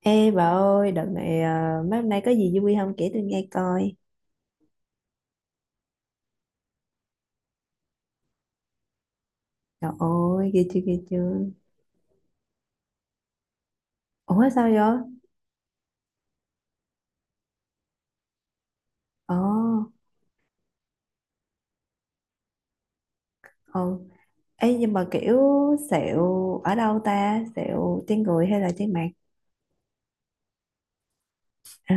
Ê bà ơi, đợt này à, mấy hôm nay có gì vui không kể tôi nghe coi. Trời ơi, ghê chưa ghê chưa. Ủa sao vậy? Ồ, ồ. Ê nhưng mà kiểu sẹo ở đâu ta? Sẹo trên người hay là trên mặt? À,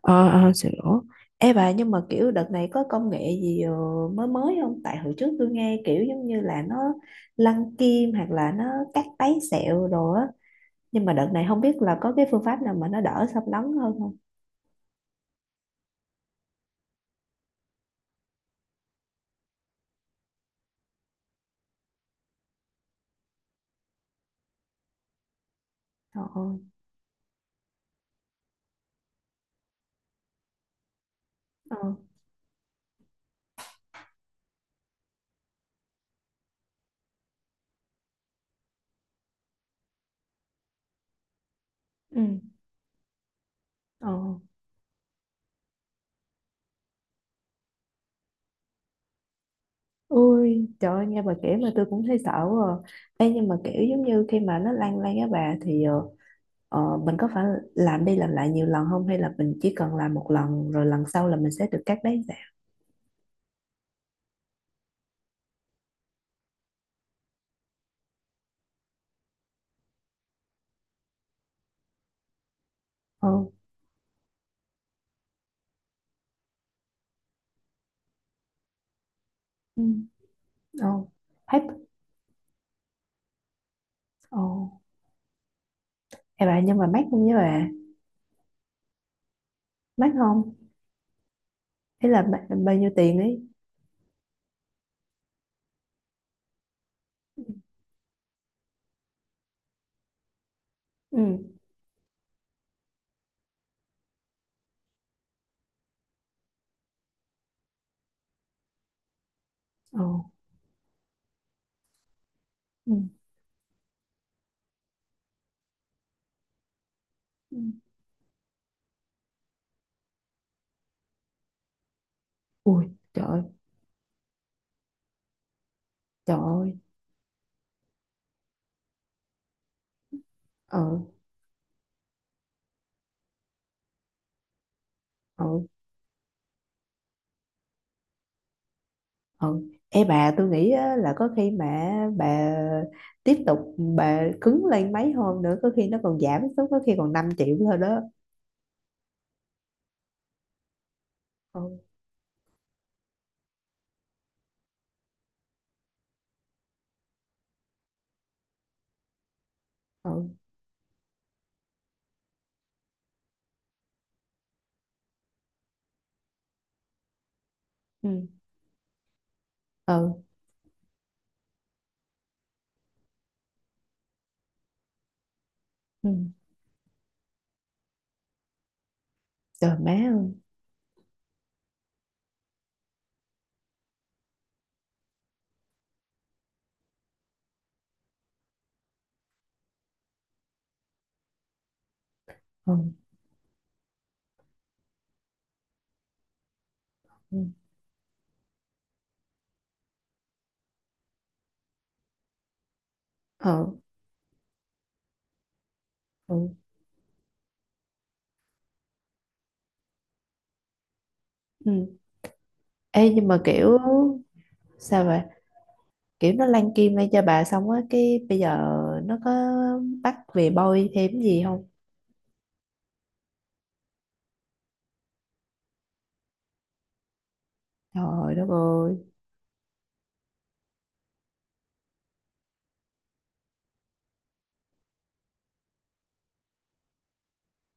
ờ ờ sẹo. Ê bà nhưng mà kiểu đợt này có công nghệ gì mới mới không? Tại hồi trước tôi nghe kiểu giống như là nó lăn kim hoặc là nó cắt tấy sẹo rồi á. Nhưng mà đợt này không biết là có cái phương pháp nào mà nó đỡ xâm lấn hơn không? Trời ơi. Ờ. Ừ. Ờ. Ôi trời ơi, nghe bà kể mà tôi cũng thấy sợ quá à. Ê, nhưng mà kiểu giống như khi mà nó lan lan á bà thì mình có phải làm đi làm lại nhiều lần không hay là mình chỉ cần làm một lần rồi lần sau là mình sẽ được cắt đấy dạ. Ờ. Ừ. Ờ. Hết. Ờ. Ê bà nhưng mà mắc không với bà, mắc không hay là bao nhiêu tiền ấy. Ừ. Ờ. Ừ. Ừ. Ui, trời ơi, trời ơi. Ờ. Ờ. Ừ. Ê bà tôi nghĩ á, là có khi mà bà tiếp tục bà cứng lên mấy hôm nữa có khi nó còn giảm xuống, có khi còn 5 triệu thôi đó. Ừ. Ừ. Ừ. Ừ. Ừ. Trời má ơi. Ừ. Ừ. Ừ. Ừ. Ừ. Ê nhưng mà kiểu sao vậy, kiểu nó lan kim lên cho bà xong á cái bây giờ nó có bắt về bôi thêm gì không? Trời đất ơi.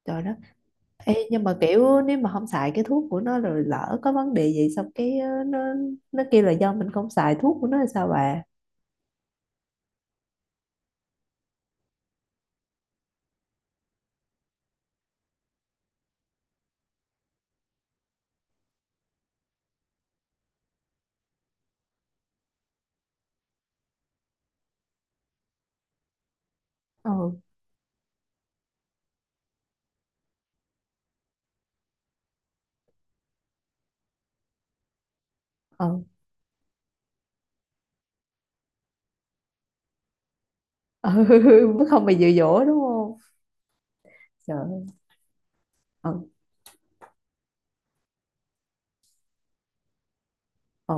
Trời đất. Ê, nhưng mà kiểu nếu mà không xài cái thuốc của nó rồi lỡ có vấn đề gì xong cái nó kêu là do mình không xài thuốc của nó là sao bà? Ừ. Ừ. Ừ. mới không bị dụ dỗ đúng không? Trời ơi. Ừ. Ừ.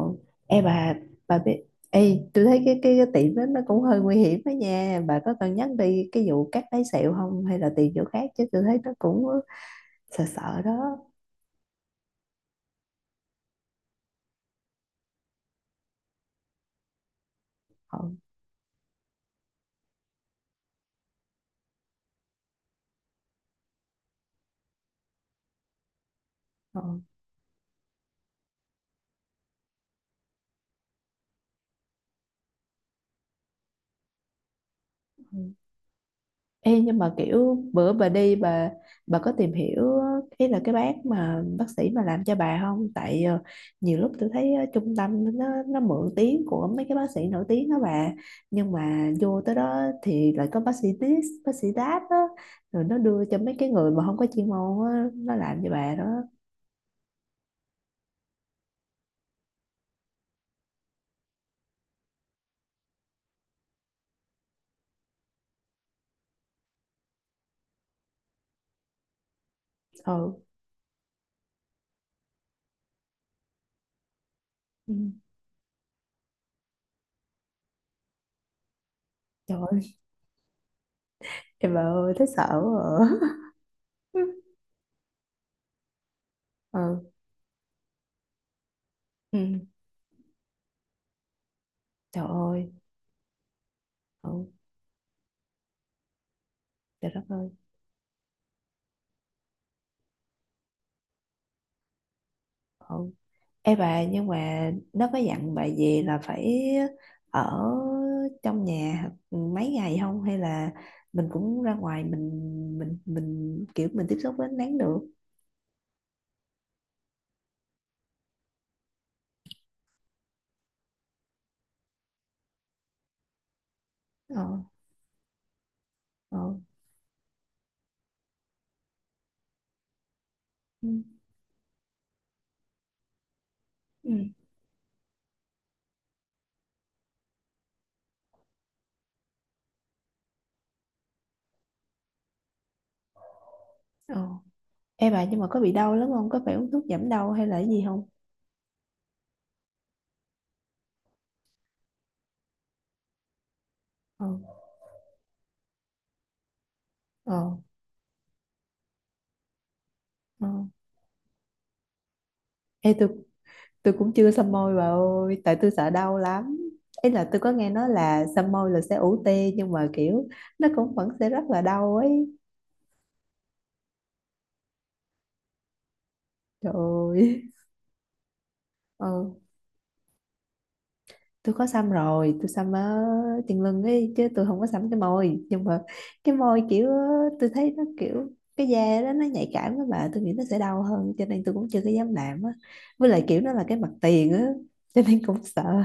Ê bà biết ê tôi thấy cái tiệm đó nó cũng hơi nguy hiểm đó nha, bà có cần nhắc đi cái vụ cắt lấy sẹo không hay là tìm chỗ khác, chứ tôi thấy nó cũng sợ sợ đó. Ừ. Ừ. Ừ. Ê, nhưng mà kiểu bữa bà đi bà có tìm hiểu ý là cái bác mà bác sĩ mà làm cho bà không? Tại nhiều lúc tôi thấy trung tâm nó mượn tiếng của mấy cái bác sĩ nổi tiếng đó bà, nhưng mà vô tới đó thì lại có bác sĩ this bác sĩ that á, rồi nó đưa cho mấy cái người mà không có chuyên môn á nó làm cho bà đó. Ừ. Ừ. Trời ơi, em bà ơi thấy sợ quá à. Ừ. Ừ. Trời ơi. Ừ. Trời đất ơi. Ừ. Ê bà nhưng mà nó có dặn bà gì là phải ở trong nhà mấy ngày không hay là mình cũng ra ngoài mình mình kiểu mình tiếp xúc với ánh nắng được? Ờ. Ờ. Ừ. Ừ. Ờ. Ê bà nhưng mà có bị đau lắm không, có phải uống thuốc giảm đau hay là cái gì không? Ờ. Ờ. Ờ. Ê tôi cũng chưa xăm môi bà ơi, tại tôi sợ đau lắm. Ý là tôi có nghe nói là xăm môi là sẽ ủ tê nhưng mà kiểu nó cũng vẫn sẽ rất là đau ấy. Trời ơi. Ừ, tôi có xăm rồi, tôi xăm ở chân lưng ấy chứ tôi không có xăm cái môi, nhưng mà cái môi kiểu tôi thấy nó kiểu cái da đó nó nhạy cảm đó bà, tôi nghĩ nó sẽ đau hơn cho nên tôi cũng chưa có dám làm á, với lại kiểu nó là cái mặt tiền á cho nên cũng sợ.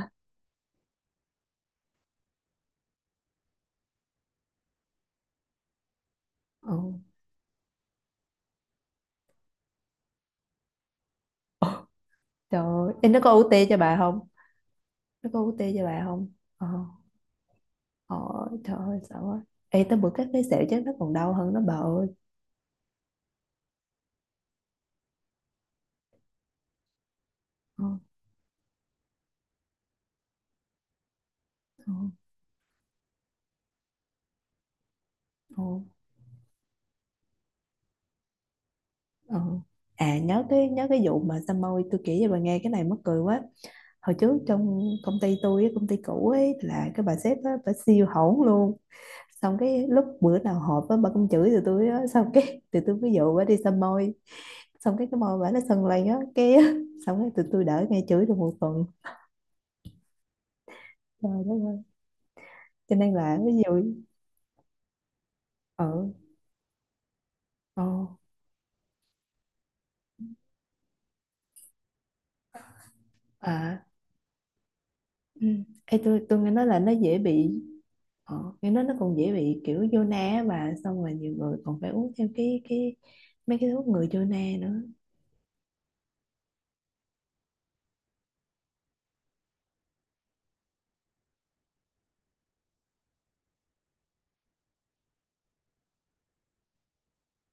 Ừ. Trời ơi. Ê, nó có u UT cho bà không, nó có u UT cho bà không? Ờ. Ờ. Trời ơi sợ quá. Ê, tới bữa cắt cái sẹo chắc nó còn đau hơn nó bà ơi. Ờ. Ờ. Ờ. Ờ. À nhớ cái, nhớ cái vụ mà xăm môi tôi kể cho bà nghe cái này mắc cười quá. Hồi trước trong công ty cũ ấy là cái bà sếp á, bà siêu hỗn luôn, xong cái lúc bữa nào họp á bà cũng chửi tụi tôi á. Xong cái tụi tôi ví dụ bà đi xăm môi, xong cái môi bà nó sần lên á cái xong cái tụi tôi đỡ nghe chửi được một tuần. Trời đất ơi, cho nên là ví dụ ờ ờ. À. Ừ. Ê, tôi nghe nói là nó dễ bị, nghe nói nó còn dễ bị kiểu vô na á bà, xong rồi nhiều người còn phải uống thêm cái mấy cái thuốc ngừa vô na nữa.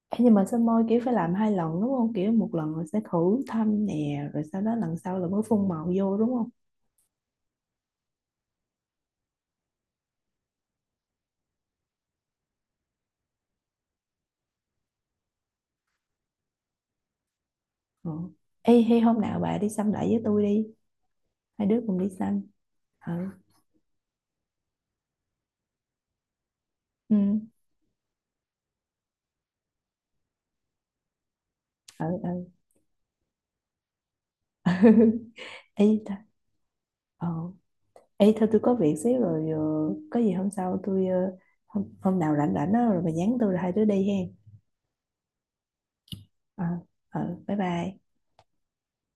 Ê, nhưng mà soi môi kiểu phải làm hai lần đúng không? Kiểu một lần rồi sẽ khử thâm nè, rồi sau đó lần sau là mới phun màu vô đúng không? Ừ. Ê, hay hôm nào bà đi xăm lại với tôi đi, hai đứa cùng đi xăm. Ừ, ừ, ừ, ừ. Ê, ờ. Ê, thôi tôi có việc xíu rồi, có gì hôm sau tôi, hôm nào rảnh rảnh đó, rồi bà nhắn tôi rồi hai đứa đi hen. Ờ, ừ, bye bye.